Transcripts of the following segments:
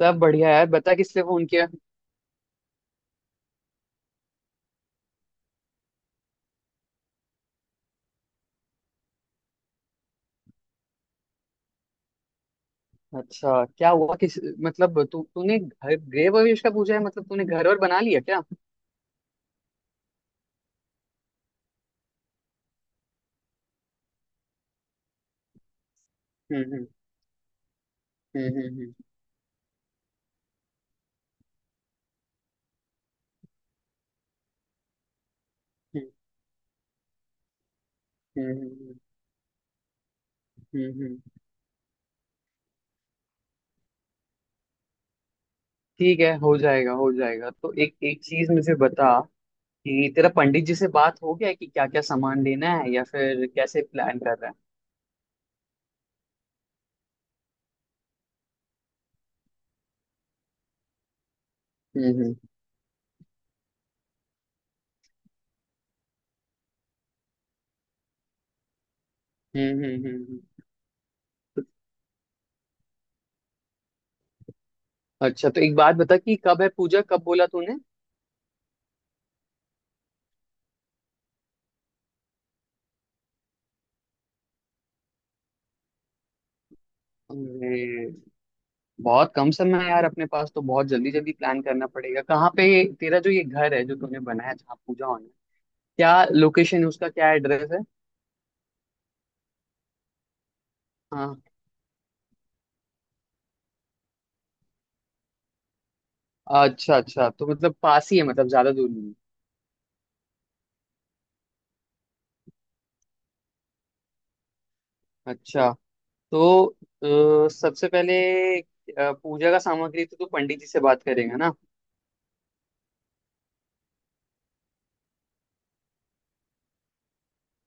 सब बढ़िया यार। बता किससे फोन किया। अच्छा, क्या हुआ? किस मतलब तू तूने घर गृह प्रवेश का पूछा है? मतलब तूने घर वर बना लिया क्या? हम्म। हम्म। हम्म। हम्म। हम्म। हम्म। हम्म। हम्म। हम्म। ठीक है। हो जाएगा, हो जाएगा। तो एक एक चीज मुझे बता कि तेरा पंडित जी से बात हो गया है कि क्या क्या सामान लेना है या फिर कैसे प्लान कर रहा है। हम्म। हम्म। हम्म। हम्म। हम्म। हम्म। अच्छा, तो एक बात बता, कि कब है पूजा? कब बोला तूने? अरे, बहुत कम समय है यार अपने पास। तो बहुत जल्दी जल्दी प्लान करना पड़ेगा। कहाँ पे तेरा जो ये घर है, जो तूने बनाया, जहाँ पूजा होना है, क्या लोकेशन है उसका? क्या एड्रेस है? हाँ। अच्छा अच्छा, तो मतलब पास ही है, मतलब ज्यादा दूर नहीं है। अच्छा, तो सबसे पहले पूजा का सामग्री तो तू पंडित जी से बात करेगा ना?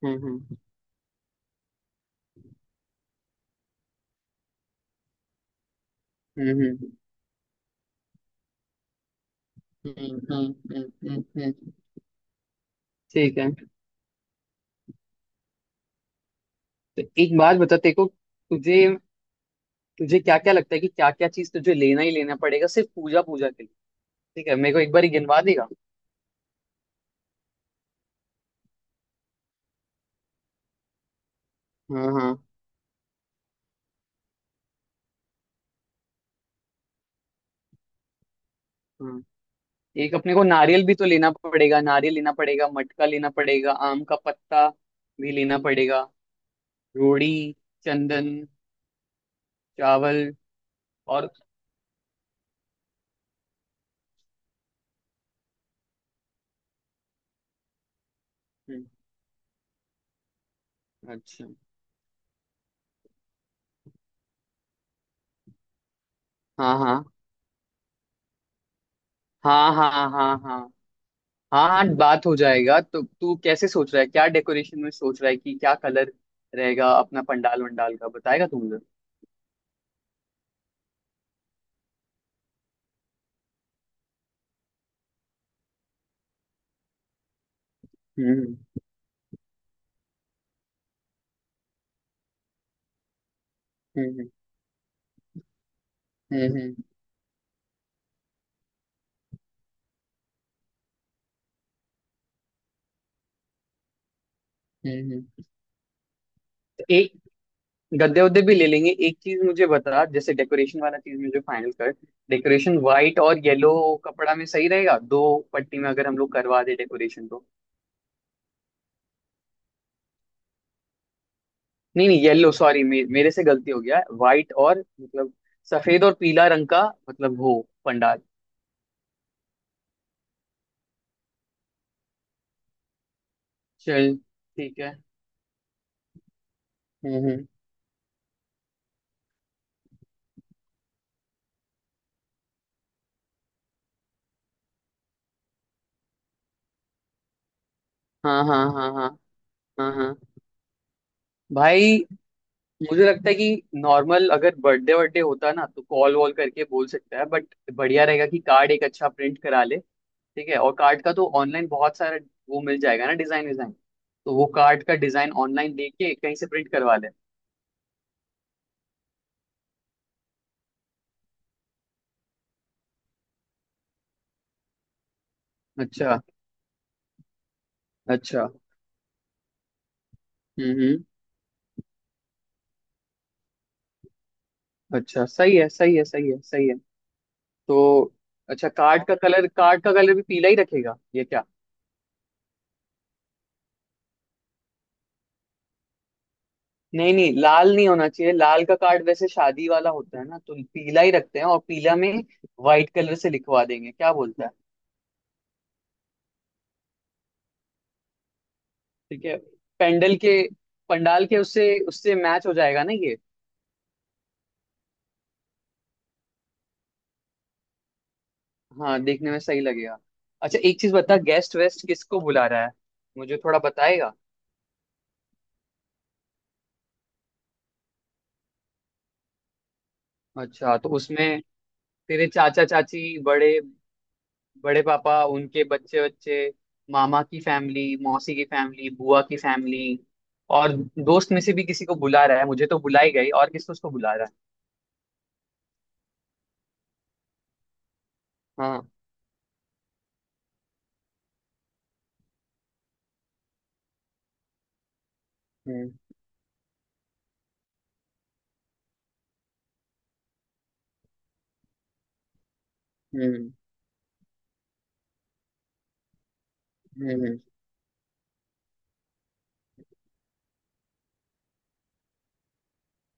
हम्म हम्म हम्म। हम्म। हम्म। हम्म। हम्म। हम्म। हम्म। ठीक है। तो एक बात बता तेरे को, तुझे तुझे क्या क्या लगता है कि क्या क्या चीज तुझे लेना ही लेना पड़ेगा सिर्फ पूजा पूजा के लिए? ठीक है, मेरे को एक बार ही गिनवा देगा। हाँ, हाँ, हाँ। एक अपने को नारियल भी तो लेना पड़ेगा, नारियल लेना पड़ेगा, मटका लेना पड़ेगा, आम का पत्ता भी लेना पड़ेगा, रोड़ी, चंदन, चावल और हम्म। अच्छा। हाँ, हाँ, हाँ, हाँ, हाँ, हाँ, हाँ, हाँ बात हो जाएगा। तो तू कैसे सोच रहा है, क्या डेकोरेशन में सोच रहा है कि क्या कलर रहेगा अपना, पंडाल वंडाल का बताएगा तू मुझे? हम्म हम्म। हम्म। हम्म। हम्म। हम्म। गद्दे उद्दे भी ले लेंगे। एक चीज मुझे बता, जैसे डेकोरेशन वाला चीज में जो फाइनल कर, डेकोरेशन व्हाइट और येलो कपड़ा में सही रहेगा? दो पट्टी में अगर हम लोग करवा दे डेकोरेशन तो? नहीं नहीं, येलो, सॉरी, मेरे से गलती हो गया। व्हाइट और मतलब सफेद और पीला रंग का मतलब हो पंडाल। चल, ठीक है। हम्म। हम्म। हाँ, हाँ, हाँ, हाँ, हाँ, हाँ भाई, मुझे लगता है कि नॉर्मल अगर बर्थडे बर्थडे होता ना तो कॉल वॉल करके बोल सकता है, बट बढ़िया रहेगा कि कार्ड एक अच्छा प्रिंट करा ले। ठीक है, और कार्ड का तो ऑनलाइन बहुत सारा वो मिल जाएगा ना, डिजाइन विजाइन। तो वो कार्ड का डिजाइन ऑनलाइन लेके कहीं से प्रिंट करवा ले। अच्छा। अच्छा। हम्म। हम्म। अच्छा, सही है, सही है, सही है, सही है। तो अच्छा, कार्ड का कलर, कार्ड का कलर भी पीला ही रखेगा ये क्या? नहीं नहीं, लाल नहीं होना चाहिए। लाल का कार्ड वैसे शादी वाला होता है ना, तो पीला ही रखते हैं। और पीला में व्हाइट कलर से लिखवा देंगे, क्या बोलता है? ठीक है। पेंडल के पंडाल के, उससे उससे मैच हो जाएगा ना ये। हाँ, देखने में सही लगेगा। अच्छा, एक चीज बता, गेस्ट वेस्ट किसको बुला रहा है, मुझे थोड़ा बताएगा? अच्छा, तो उसमें तेरे चाचा चाची, बड़े बड़े पापा, उनके बच्चे बच्चे, मामा की फैमिली, मौसी की फैमिली, बुआ की फैमिली, और दोस्त में से भी किसी को बुला रहा है? मुझे तो बुला ही गई, और किसको उसको बुला रहा है? हाँ। हम्म। हम्म। हम्म। हम्म।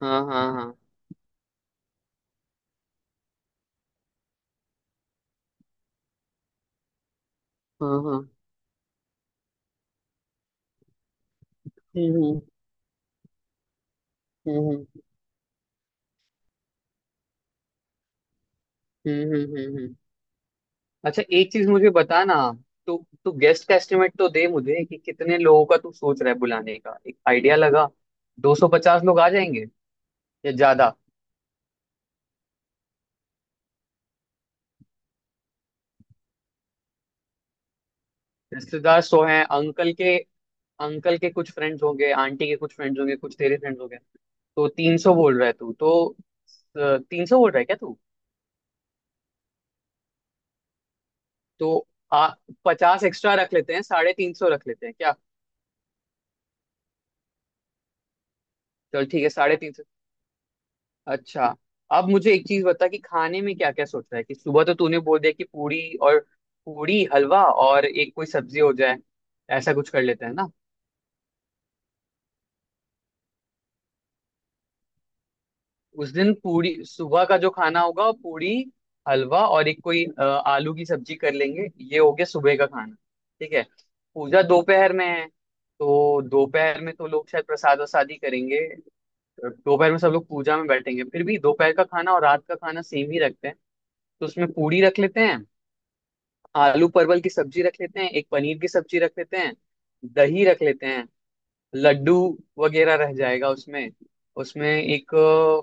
हाँ, हाँ, हाँ, हाँ, हाँ। हम्म। हम्म। हम्म। हम्म। हम्म। हम्म। हम्म। अच्छा, एक चीज मुझे बता ना, तू तू गेस्ट का एस्टिमेट तो दे मुझे कि कितने लोगों का तू सोच रहा है बुलाने का, एक आइडिया लगा। 250 लोग आ जाएंगे या ज्यादा? रिश्तेदार सो हैं अंकल के, अंकल के कुछ फ्रेंड्स होंगे, आंटी के कुछ फ्रेंड्स होंगे, कुछ तेरे फ्रेंड्स होंगे। तो 300 बोल रहा है तू? तो 300 बोल रहा है क्या तू? तो आ, 50 एक्स्ट्रा रख लेते हैं, 350 रख लेते हैं क्या? चल, ठीक है, साढ़े तीन। अच्छा, अब मुझे एक चीज बता, कि खाने में क्या क्या सोचा है? कि सुबह तो तूने बोल दिया कि पूरी और पूरी हलवा और एक कोई सब्जी हो जाए, ऐसा कुछ कर लेते हैं ना? उस दिन पूरी सुबह का जो खाना होगा वो पूरी हलवा और एक कोई आलू की सब्जी कर लेंगे। ये हो गया सुबह का खाना। ठीक है। पूजा दोपहर में है, तो दोपहर में तो लोग शायद प्रसाद वसाद ही करेंगे। दोपहर में सब लोग पूजा में बैठेंगे। फिर भी दोपहर का खाना और रात का खाना सेम ही रखते हैं। तो उसमें पूरी रख लेते हैं, आलू परवल की सब्जी रख लेते हैं, एक पनीर की सब्जी रख लेते हैं, दही रख लेते हैं, लड्डू वगैरह रह जाएगा उसमें। उसमें एक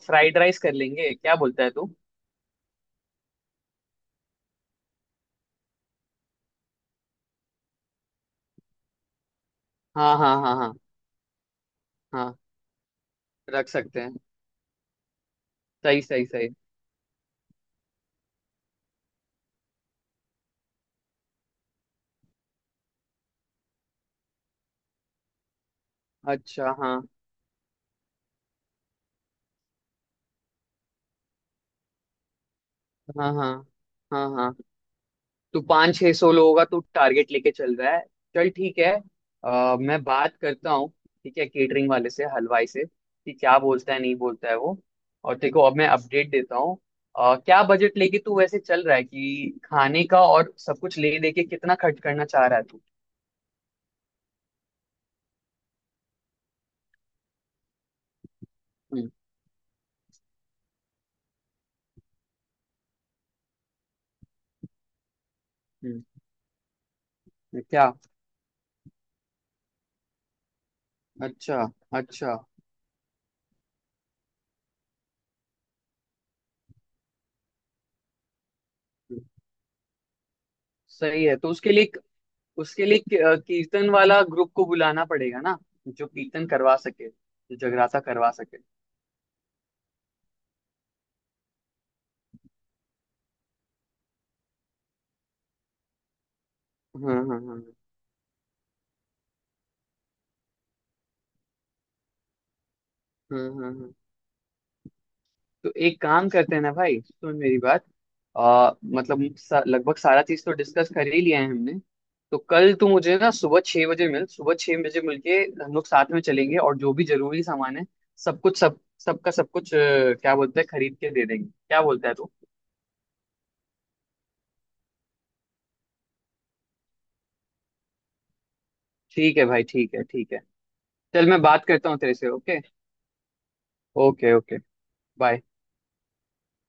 फ्राइड राइस कर लेंगे, क्या बोलता है तू? हाँ, हाँ, हाँ, हाँ, हाँ रख सकते हैं। सही, सही, सही। अच्छा, हाँ, हाँ, हाँ, हाँ, हाँ। तो पाँच छह सोलो होगा तो टारगेट लेके चल रहा है? चल, ठीक है। मैं बात करता हूँ, ठीक है, केटरिंग वाले से, हलवाई से, कि क्या बोलता है नहीं बोलता है वो। और देखो, अब मैं अपडेट देता हूँ। क्या बजट लेके तू वैसे चल रहा है कि खाने का और सब कुछ ले लेके कितना खर्च करना चाह रहा है तू? हम्म। हम्म। क्या? अच्छा। अच्छा। सही है, तो उसके लिए, कीर्तन वाला ग्रुप को बुलाना पड़ेगा ना, जो कीर्तन करवा सके, जो जगराता करवा सके। हाँ, हाँ, हाँ। हम्म। हम्म। हम्म। तो एक काम करते हैं ना भाई, सुन मेरी बात। मतलब लगभग सारा चीज तो डिस्कस कर ही लिया है हमने। तो कल तू मुझे ना सुबह 6 बजे मिलके हम लोग साथ में चलेंगे, और जो भी जरूरी सामान है, सब कुछ सब सबका सब कुछ क्या बोलते हैं, खरीद के दे देंगे, क्या बोलता है तू? ठीक है भाई, ठीक है, ठीक है। चल, मैं बात करता हूँ तेरे से। Okay, okay, okay. बाय।